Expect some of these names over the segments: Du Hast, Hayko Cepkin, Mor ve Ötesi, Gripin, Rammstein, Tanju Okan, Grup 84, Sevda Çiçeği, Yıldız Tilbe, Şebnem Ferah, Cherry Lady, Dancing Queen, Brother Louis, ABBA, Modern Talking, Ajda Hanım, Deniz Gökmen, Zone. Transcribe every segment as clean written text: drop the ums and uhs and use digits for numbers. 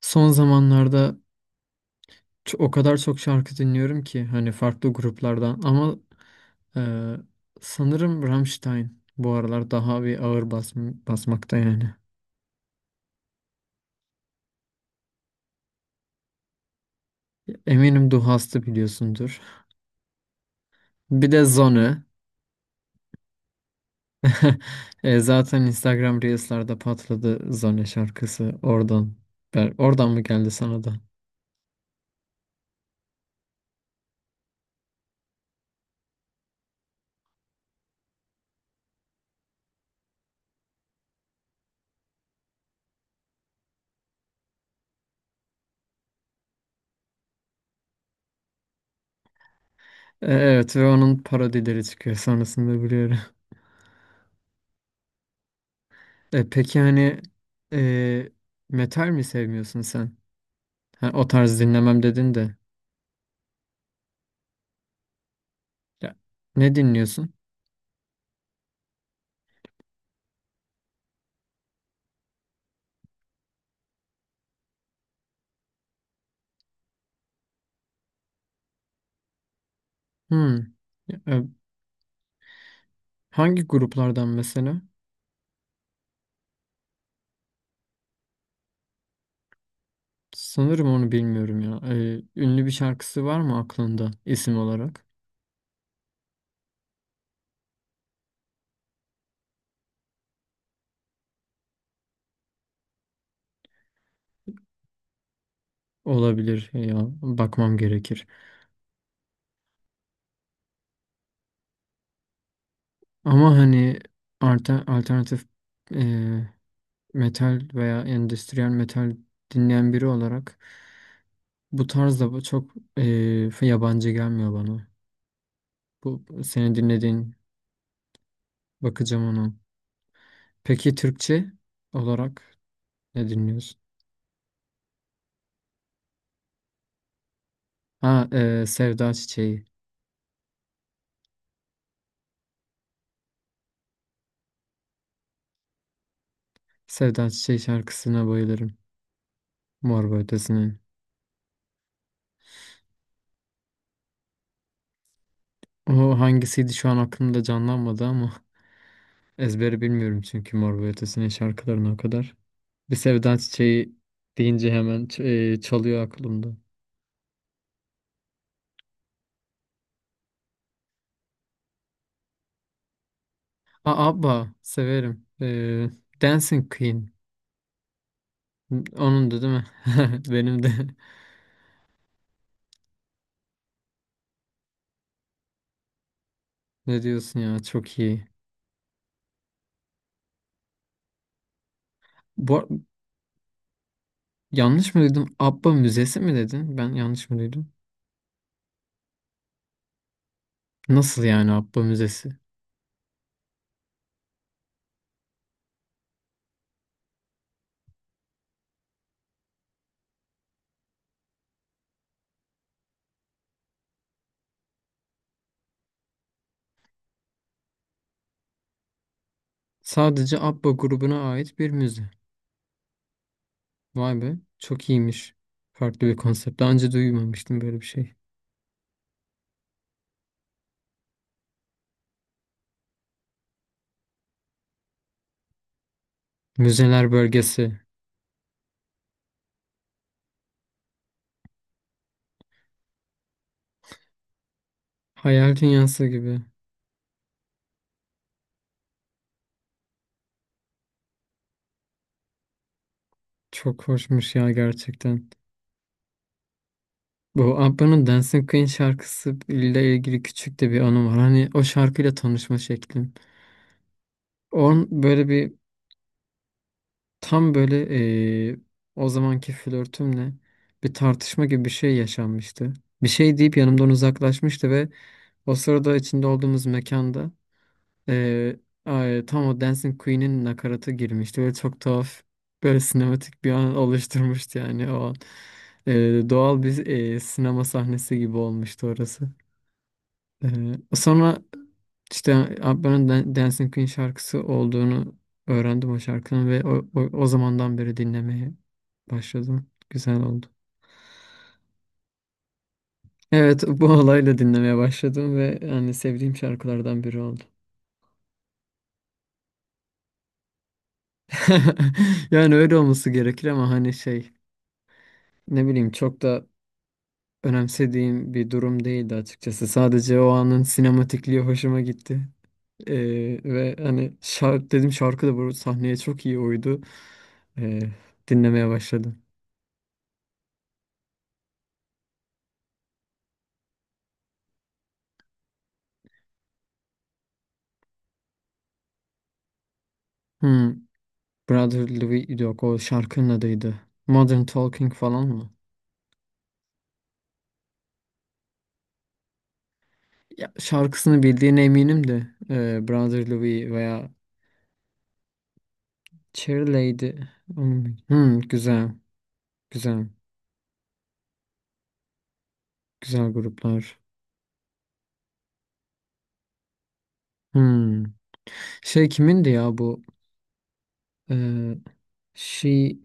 Son zamanlarda o kadar çok şarkı dinliyorum ki hani farklı gruplardan ama e, sanırım Rammstein bu aralar daha bir ağır bas basmakta yani. Eminim Du Hast biliyorsundur. Bir de Zone. Zaten Instagram Reels'larda patladı Zone şarkısı oradan. Oradan mı geldi sana da? Evet, ve onun parodileri çıkıyor sonrasında biliyorum. Peki hani e, metal mi sevmiyorsun sen? Ha, o tarz dinlemem dedin de. Ya, ne dinliyorsun? Hmm. Ya, hangi gruplardan mesela? Sanırım onu bilmiyorum ya. E, ünlü bir şarkısı var mı aklında isim olarak? Olabilir ya. Bakmam gerekir. Ama hani alternatif e, metal veya endüstriyel metal dinleyen biri olarak bu tarzda bu çok yabancı gelmiyor bana. Bu senin dinlediğin, bakacağım ona. Peki Türkçe olarak? Ne dinliyorsun? Ha, Sevda Çiçeği. Sevda Çiçeği şarkısına bayılırım. Mor ve Ötesi'nin. O hangisiydi şu an aklımda canlanmadı ama ezberi bilmiyorum çünkü Mor ve Ötesi'nin şarkılarına o kadar. Bir Sevda Çiçeği deyince hemen çalıyor aklımda. Aa, ABBA severim. Dancing Queen. Onun da değil mi? Benim de. Ne diyorsun ya? Çok iyi. Bu, ar- Yanlış mı duydum? ABBA müzesi mi dedin? Ben yanlış mı duydum? Nasıl yani ABBA müzesi? Sadece ABBA grubuna ait bir müze. Vay be, çok iyiymiş. Farklı bir konsept. Daha önce duymamıştım böyle bir şey. Müzeler bölgesi. Hayal dünyası gibi. Çok hoşmuş ya gerçekten. Bu ABBA'nın Dancing Queen şarkısı ile ilgili küçük de bir anım var. Hani o şarkıyla tanışma şeklim. On böyle bir tam böyle o zamanki flörtümle bir tartışma gibi bir şey yaşanmıştı. Bir şey deyip yanımdan uzaklaşmıştı ve o sırada içinde olduğumuz mekanda Ee, ay, tam o Dancing Queen'in nakaratı girmişti. Böyle çok tuhaf, böyle sinematik bir an oluşturmuştu yani o an. Doğal bir sinema sahnesi gibi olmuştu orası. Ee, Sonra işte Abba'nın Dancing Queen şarkısı olduğunu öğrendim o şarkının ve o zamandan beri dinlemeye başladım. Güzel oldu. Evet, bu olayla dinlemeye başladım ve hani sevdiğim şarkılardan biri oldu. Yani öyle olması gerekir ama hani şey, ne bileyim, çok da önemsediğim bir durum değildi açıkçası. Sadece o anın sinematikliği hoşuma gitti. Ee, Ve hani şarkı dedim, şarkı da bu sahneye çok iyi uydu. Ee, Dinlemeye başladım. Hmm, Brother Louis, yok o şarkının adıydı. Modern Talking falan mı? Ya, şarkısını bildiğine eminim de Brother Louis veya Cherry Lady. Onun- hmm, güzel, güzel, güzel gruplar. Hmm. Şey kimindi ya bu? e, She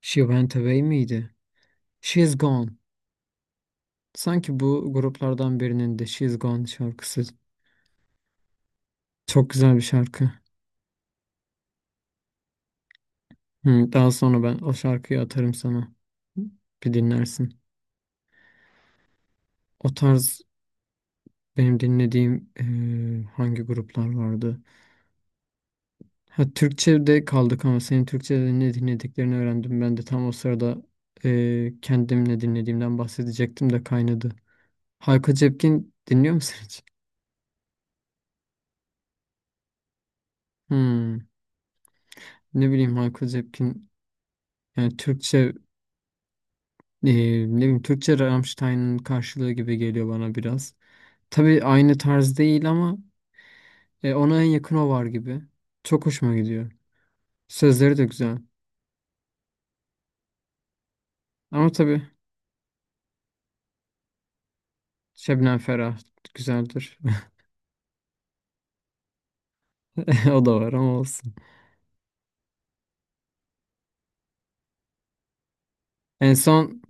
she went away miydi? She's gone. Sanki bu gruplardan birinin de She's gone şarkısı, çok güzel bir şarkı. Hı, daha sonra ben o şarkıyı atarım sana. Bir dinlersin. O tarz benim dinlediğim hangi gruplar vardı? Ha, Türkçe'de kaldık ama senin Türkçe'de ne dinlediklerini öğrendim. Ben de tam o sırada kendim ne dinlediğimden bahsedecektim de kaynadı. Hayko Cepkin dinliyor musun hiç? Hmm, ne bileyim, Hayko Cepkin. Yani Türkçe, ne bileyim, Türkçe Rammstein'ın karşılığı gibi geliyor bana biraz. Tabii aynı tarz değil ama ona en yakın o var gibi. Çok hoşuma gidiyor. Sözleri de güzel. Ama tabii Şebnem Ferah güzeldir. O da var ama olsun. En son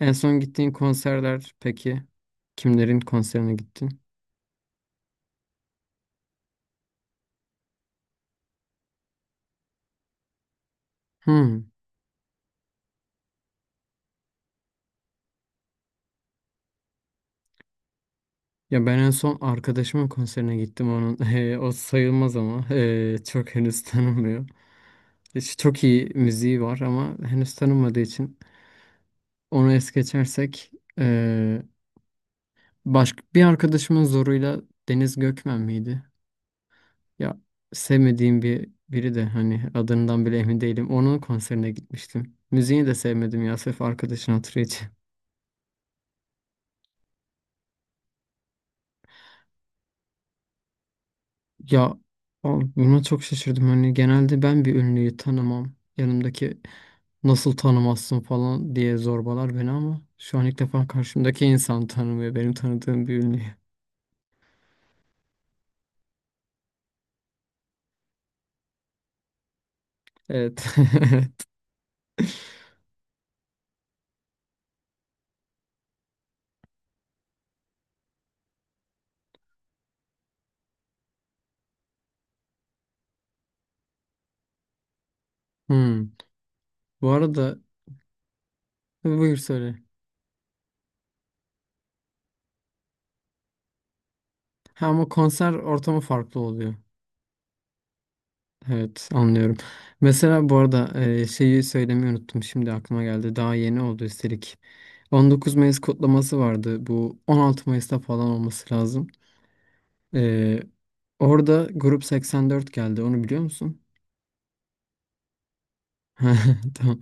en son gittiğin konserler peki, kimlerin konserine gittin? Hmm. Ya, ben en son arkadaşımın konserine gittim onun. O sayılmaz ama çok henüz tanınmıyor. Çok iyi müziği var ama henüz tanınmadığı için onu es geçersek eee başka bir arkadaşımın zoruyla Deniz Gökmen miydi? Ya, sevmediğim bir, biri de hani adından bile emin değilim. Onun konserine gitmiştim. Müziğini de sevmedim ya, sırf arkadaşın hatırı için. Ya, buna çok şaşırdım. Hani genelde ben bir ünlüyü tanımam. Yanımdaki nasıl tanımazsın falan diye zorbalar beni ama şu an ilk defa karşımdaki insan tanımıyor benim tanıdığım bir ünlü. Evet. Evet. Hmm. Bu arada buyur söyle. Ha ama konser ortamı farklı oluyor. Evet, anlıyorum. Mesela bu arada şeyi söylemeyi unuttum. Şimdi aklıma geldi. Daha yeni oldu üstelik. 19 Mayıs kutlaması vardı. Bu 16 Mayıs'ta falan olması lazım. E, Orada Grup 84 geldi. Onu biliyor musun? Tamam.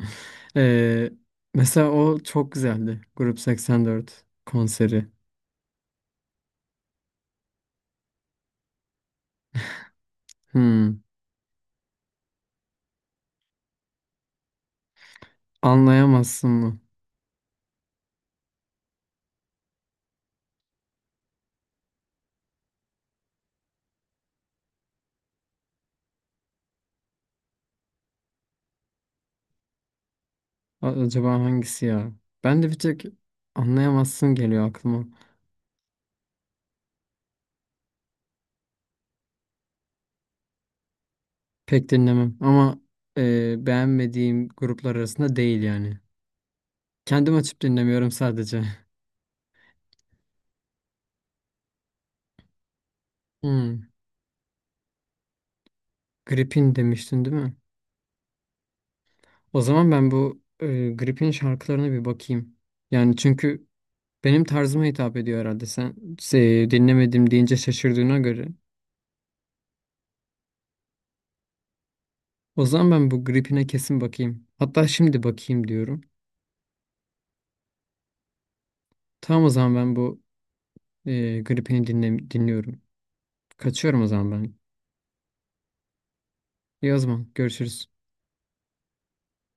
E, Mesela o çok güzeldi. Grup 84 konseri. Hmm. Anlayamazsın mı? A- acaba hangisi ya? Ben de bir tek anlayamazsın geliyor aklıma. Pek dinlemem ama beğenmediğim gruplar arasında değil yani. Kendim açıp dinlemiyorum sadece. Hmm, Gripin demiştin değil mi? O zaman ben bu Gripin şarkılarına bir bakayım. Yani çünkü benim tarzıma hitap ediyor herhalde. Sen dinlemedim deyince şaşırdığına göre. O zaman ben bu Gripin'e kesin bakayım. Hatta şimdi bakayım diyorum. Tamam, o zaman ben bu Gripin'i dinliyorum. Kaçıyorum o zaman ben. İyi o zaman. Görüşürüz.